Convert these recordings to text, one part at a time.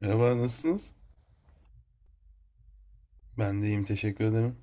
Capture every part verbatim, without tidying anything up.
Merhaba, nasılsınız? Ben de iyiyim, teşekkür ederim.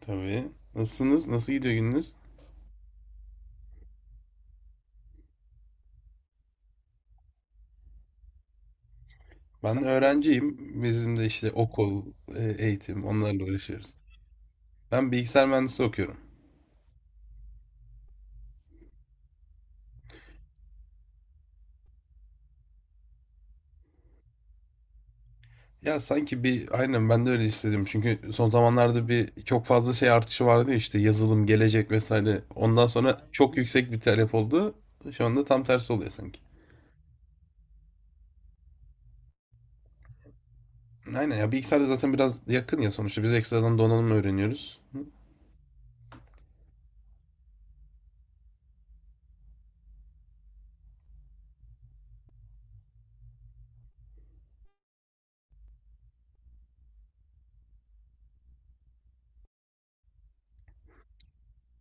Tabii. Nasılsınız? Nasıl gidiyor gününüz? Ben de öğrenciyim. Bizim de işte okul, e, eğitim, onlarla uğraşıyoruz. Ben bilgisayar mühendisliği okuyorum. Ya sanki bir, aynen ben de öyle istedim. Çünkü son zamanlarda bir çok fazla şey artışı vardı ya işte yazılım, gelecek vesaire. Ondan sonra çok yüksek bir talep oldu. Şu anda tam tersi oluyor sanki. Aynen ya bilgisayarda zaten biraz yakın ya sonuçta. Biz ekstradan donanım öğreniyoruz.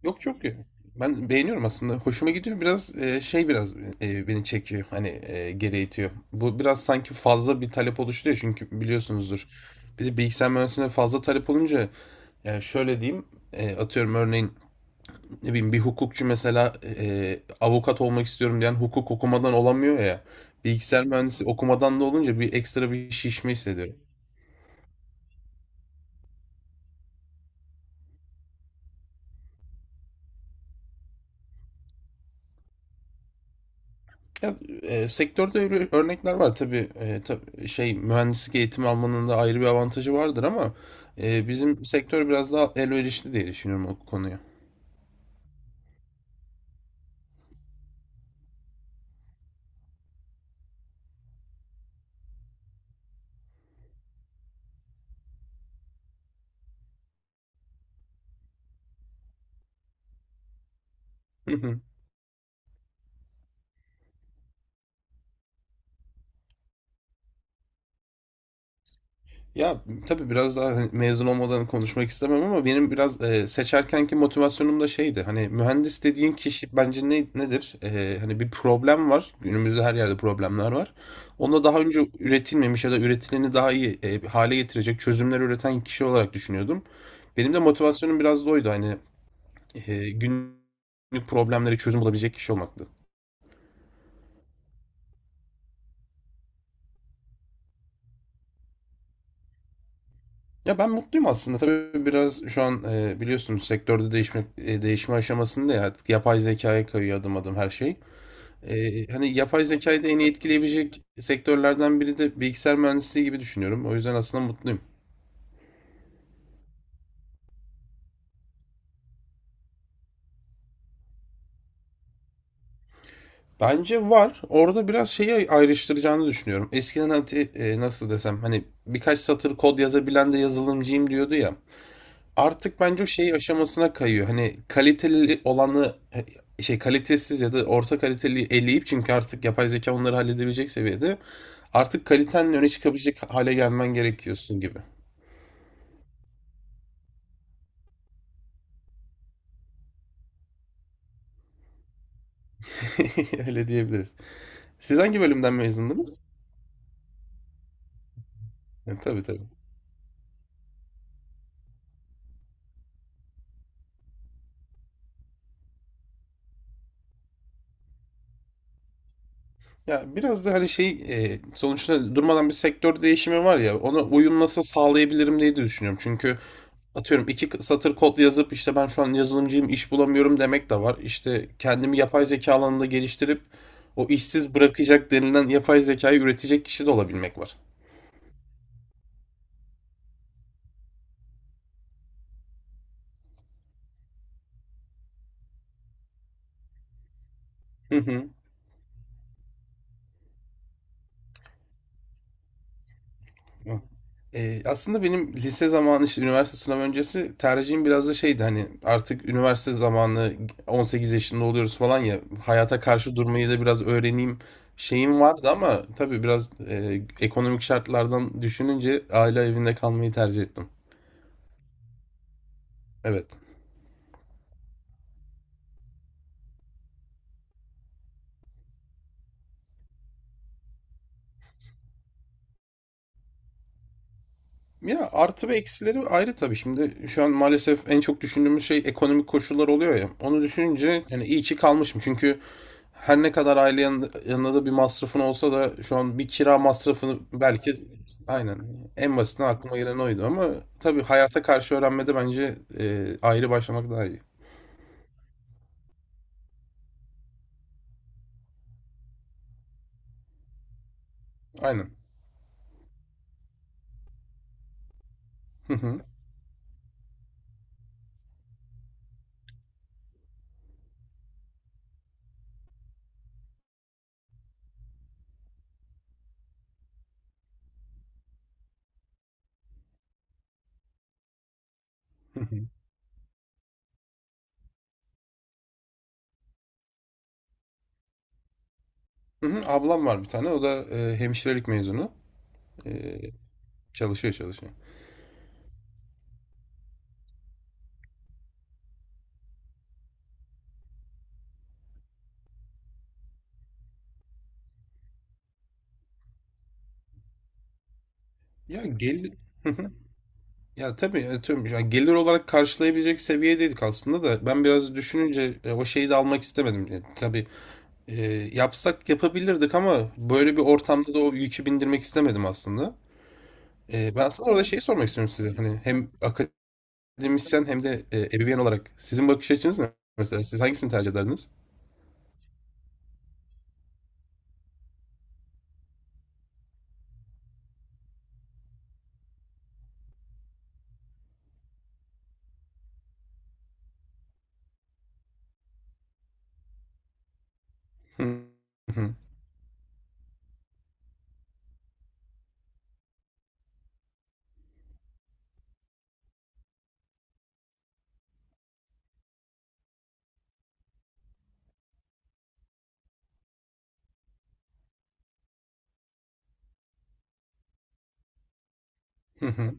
Yok yok yok. Ben beğeniyorum aslında. Hoşuma gidiyor. Biraz e, şey biraz e, beni çekiyor. Hani e, geri itiyor. Bu biraz sanki fazla bir talep oluşturuyor çünkü biliyorsunuzdur. Bir de bilgisayar mühendisliğine fazla talep olunca yani şöyle diyeyim e, atıyorum örneğin ne bileyim bir hukukçu mesela e, avukat olmak istiyorum diyen hukuk okumadan olamıyor ya. Bilgisayar mühendisi okumadan da olunca bir ekstra bir şişme hissediyorum. Ya, e, Sektörde öyle örnekler var tabii, e, tab- şey mühendislik eğitimi almanın da ayrı bir avantajı vardır ama e, bizim sektör biraz daha elverişli diye düşünüyorum o konuya. Ya tabii biraz daha hani mezun olmadan konuşmak istemem ama benim biraz e, seçerkenki motivasyonum da şeydi. Hani mühendis dediğin kişi bence ne, nedir? E, hani bir problem var. Günümüzde her yerde problemler var. Onda daha önce üretilmemiş ya da üretileni daha iyi e, hale getirecek çözümler üreten kişi olarak düşünüyordum. Benim de motivasyonum biraz da oydu. Hani e, günlük problemleri çözüm bulabilecek kişi olmaktı. Ya ben mutluyum aslında. Tabii biraz şu an e, biliyorsunuz sektörde değişme e, değişme aşamasında ya artık yapay zekaya kayıyor adım adım her şey. E, hani yapay zekayı da en iyi etkileyebilecek sektörlerden biri de bilgisayar mühendisliği gibi düşünüyorum. O yüzden aslında mutluyum. Bence var. Orada biraz şeyi ay- ayrıştıracağını düşünüyorum. Eskiden hadi, e, nasıl desem hani birkaç satır kod yazabilen de yazılımcıyım diyordu ya. Artık bence o şey aşamasına kayıyor. Hani kaliteli olanı şey kalitesiz ya da orta kaliteli eleyip çünkü artık yapay zeka onları halledebilecek seviyede artık kalitenin öne çıkabilecek hale gelmen gerekiyorsun gibi. Öyle diyebiliriz. Siz hangi bölümden mezundunuz? E, tabii tabii. Ya biraz da hani şey e, sonuçta durmadan bir sektör değişimi var ya ona uyum nasıl sağlayabilirim diye de düşünüyorum. Çünkü atıyorum iki k- satır kod yazıp işte ben şu an yazılımcıyım iş bulamıyorum demek de var. İşte kendimi yapay zeka alanında geliştirip o işsiz bırakacak denilen yapay zekayı üretecek kişi de olabilmek var. Hı. Ee, aslında benim lise zamanı işte üniversite sınavı öncesi tercihim biraz da şeydi hani artık üniversite zamanı on sekiz yaşında oluyoruz falan ya hayata karşı durmayı da biraz öğreneyim şeyim vardı ama tabii biraz e, ekonomik şartlardan düşününce aile evinde kalmayı tercih ettim. Evet. Ya artı ve eksileri ayrı tabii. Şimdi şu an maalesef en çok düşündüğümüz şey ekonomik koşullar oluyor ya. Onu düşününce yani iyi ki kalmışım. Çünkü her ne kadar aile yanında, yanında da bir masrafın olsa da şu an bir kira masrafını belki aynen en basitinden aklıma gelen oydu ama tabii hayata karşı öğrenmede bence e, ayrı başlamak daha iyi. Aynen. Hı hı. Hı hı. Hı hı. Ablam var bir tane. O da e, hemşirelik mezunu. E, Çalışıyor çalışıyor. Ya gel Ya tabii atıyorum yani gelir olarak karşılayabilecek seviyedeydik aslında da ben biraz düşününce e, o şeyi de almak istemedim. E, tabii e, yapsak yapabilirdik ama böyle bir ortamda da o yükü bindirmek istemedim aslında. E, ben aslında orada şeyi sormak istiyorum size. Hani hem akademisyen hem de e, ebeveyn olarak sizin bakış açınız ne? Mesela siz hangisini tercih ederdiniz? Hı hı hı hı,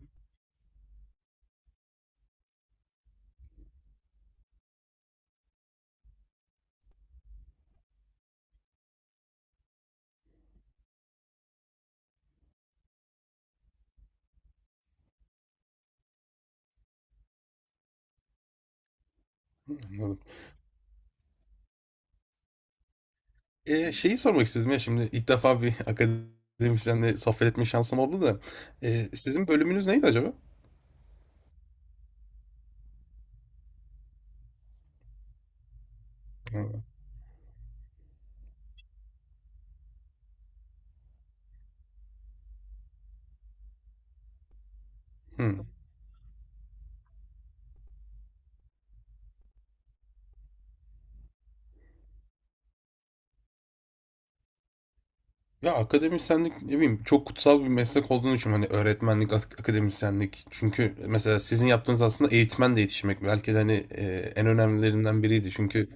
anladım. Eee, şeyi sormak istiyordum ya şimdi ilk defa bir akademisyenle sohbet etme şansım oldu da. Eee, sizin bölümünüz neydi acaba? Hı. Hı. Ya akademisyenlik ne bileyim çok kutsal bir meslek olduğunu düşünüyorum. Hani öğretmenlik, ak- akademisyenlik. Çünkü mesela sizin yaptığınız aslında eğitmenle yetişmek. Belki de hani eee, en önemlilerinden biriydi. Çünkü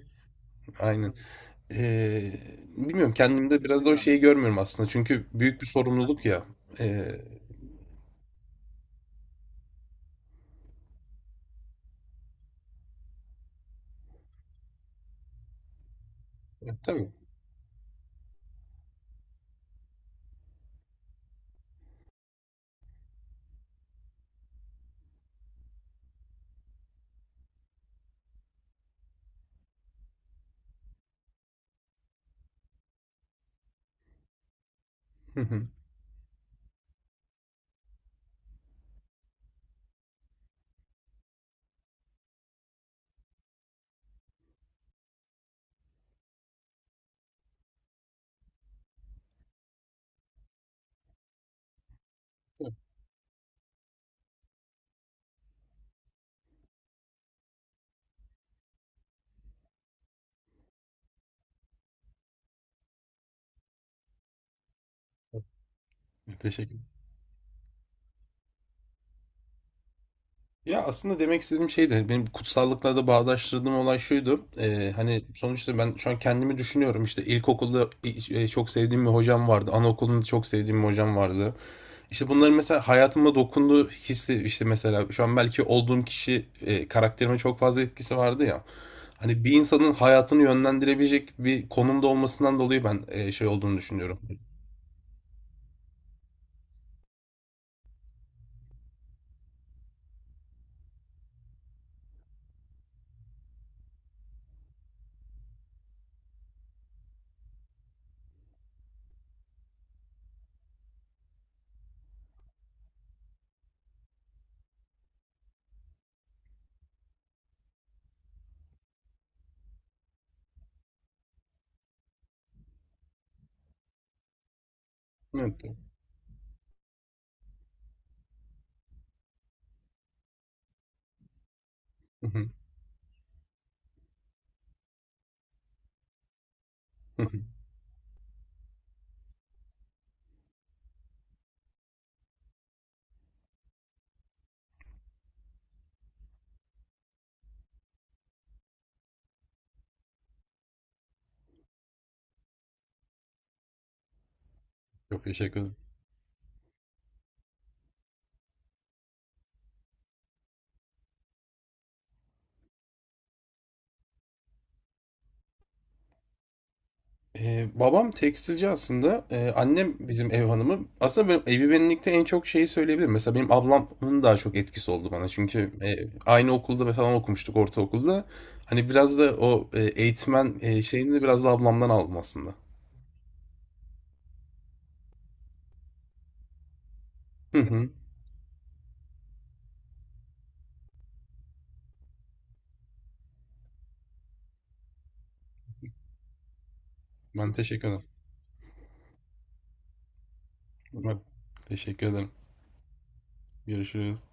aynen. Eee, Bilmiyorum kendimde biraz da o şeyi görmüyorum aslında. Çünkü büyük bir sorumluluk ya. Eee tabii. Hı hı. Tabii. Teşekkür Ya aslında demek istediğim şey de benim kutsallıkla da bağdaştırdığım olay şuydu. Ee, hani sonuçta ben şu an kendimi düşünüyorum İşte ilkokulda e, çok sevdiğim bir hocam vardı. Anaokulunda çok sevdiğim bir hocam vardı. İşte bunların mesela hayatıma dokunduğu hissi işte mesela şu an belki olduğum kişi e, karakterime çok fazla etkisi vardı ya. Hani bir insanın hayatını yönlendirebilecek bir konumda olmasından dolayı ben e, şey olduğunu düşünüyorum. Evet. Çok teşekkür ederim. Eee, babam tekstilci aslında. Eee, annem bizim ev hanımı. Aslında benim evi benlikte en çok şeyi söyleyebilirim. Mesela benim ablamın daha çok etkisi oldu bana. Çünkü eee, aynı okulda falan okumuştuk ortaokulda. Hani biraz da o eee, eğitmen eee, şeyini de biraz da ablamdan aldım aslında. Hı hı. Ben teşekkür ederim. Ben teşekkür ederim. Görüşürüz.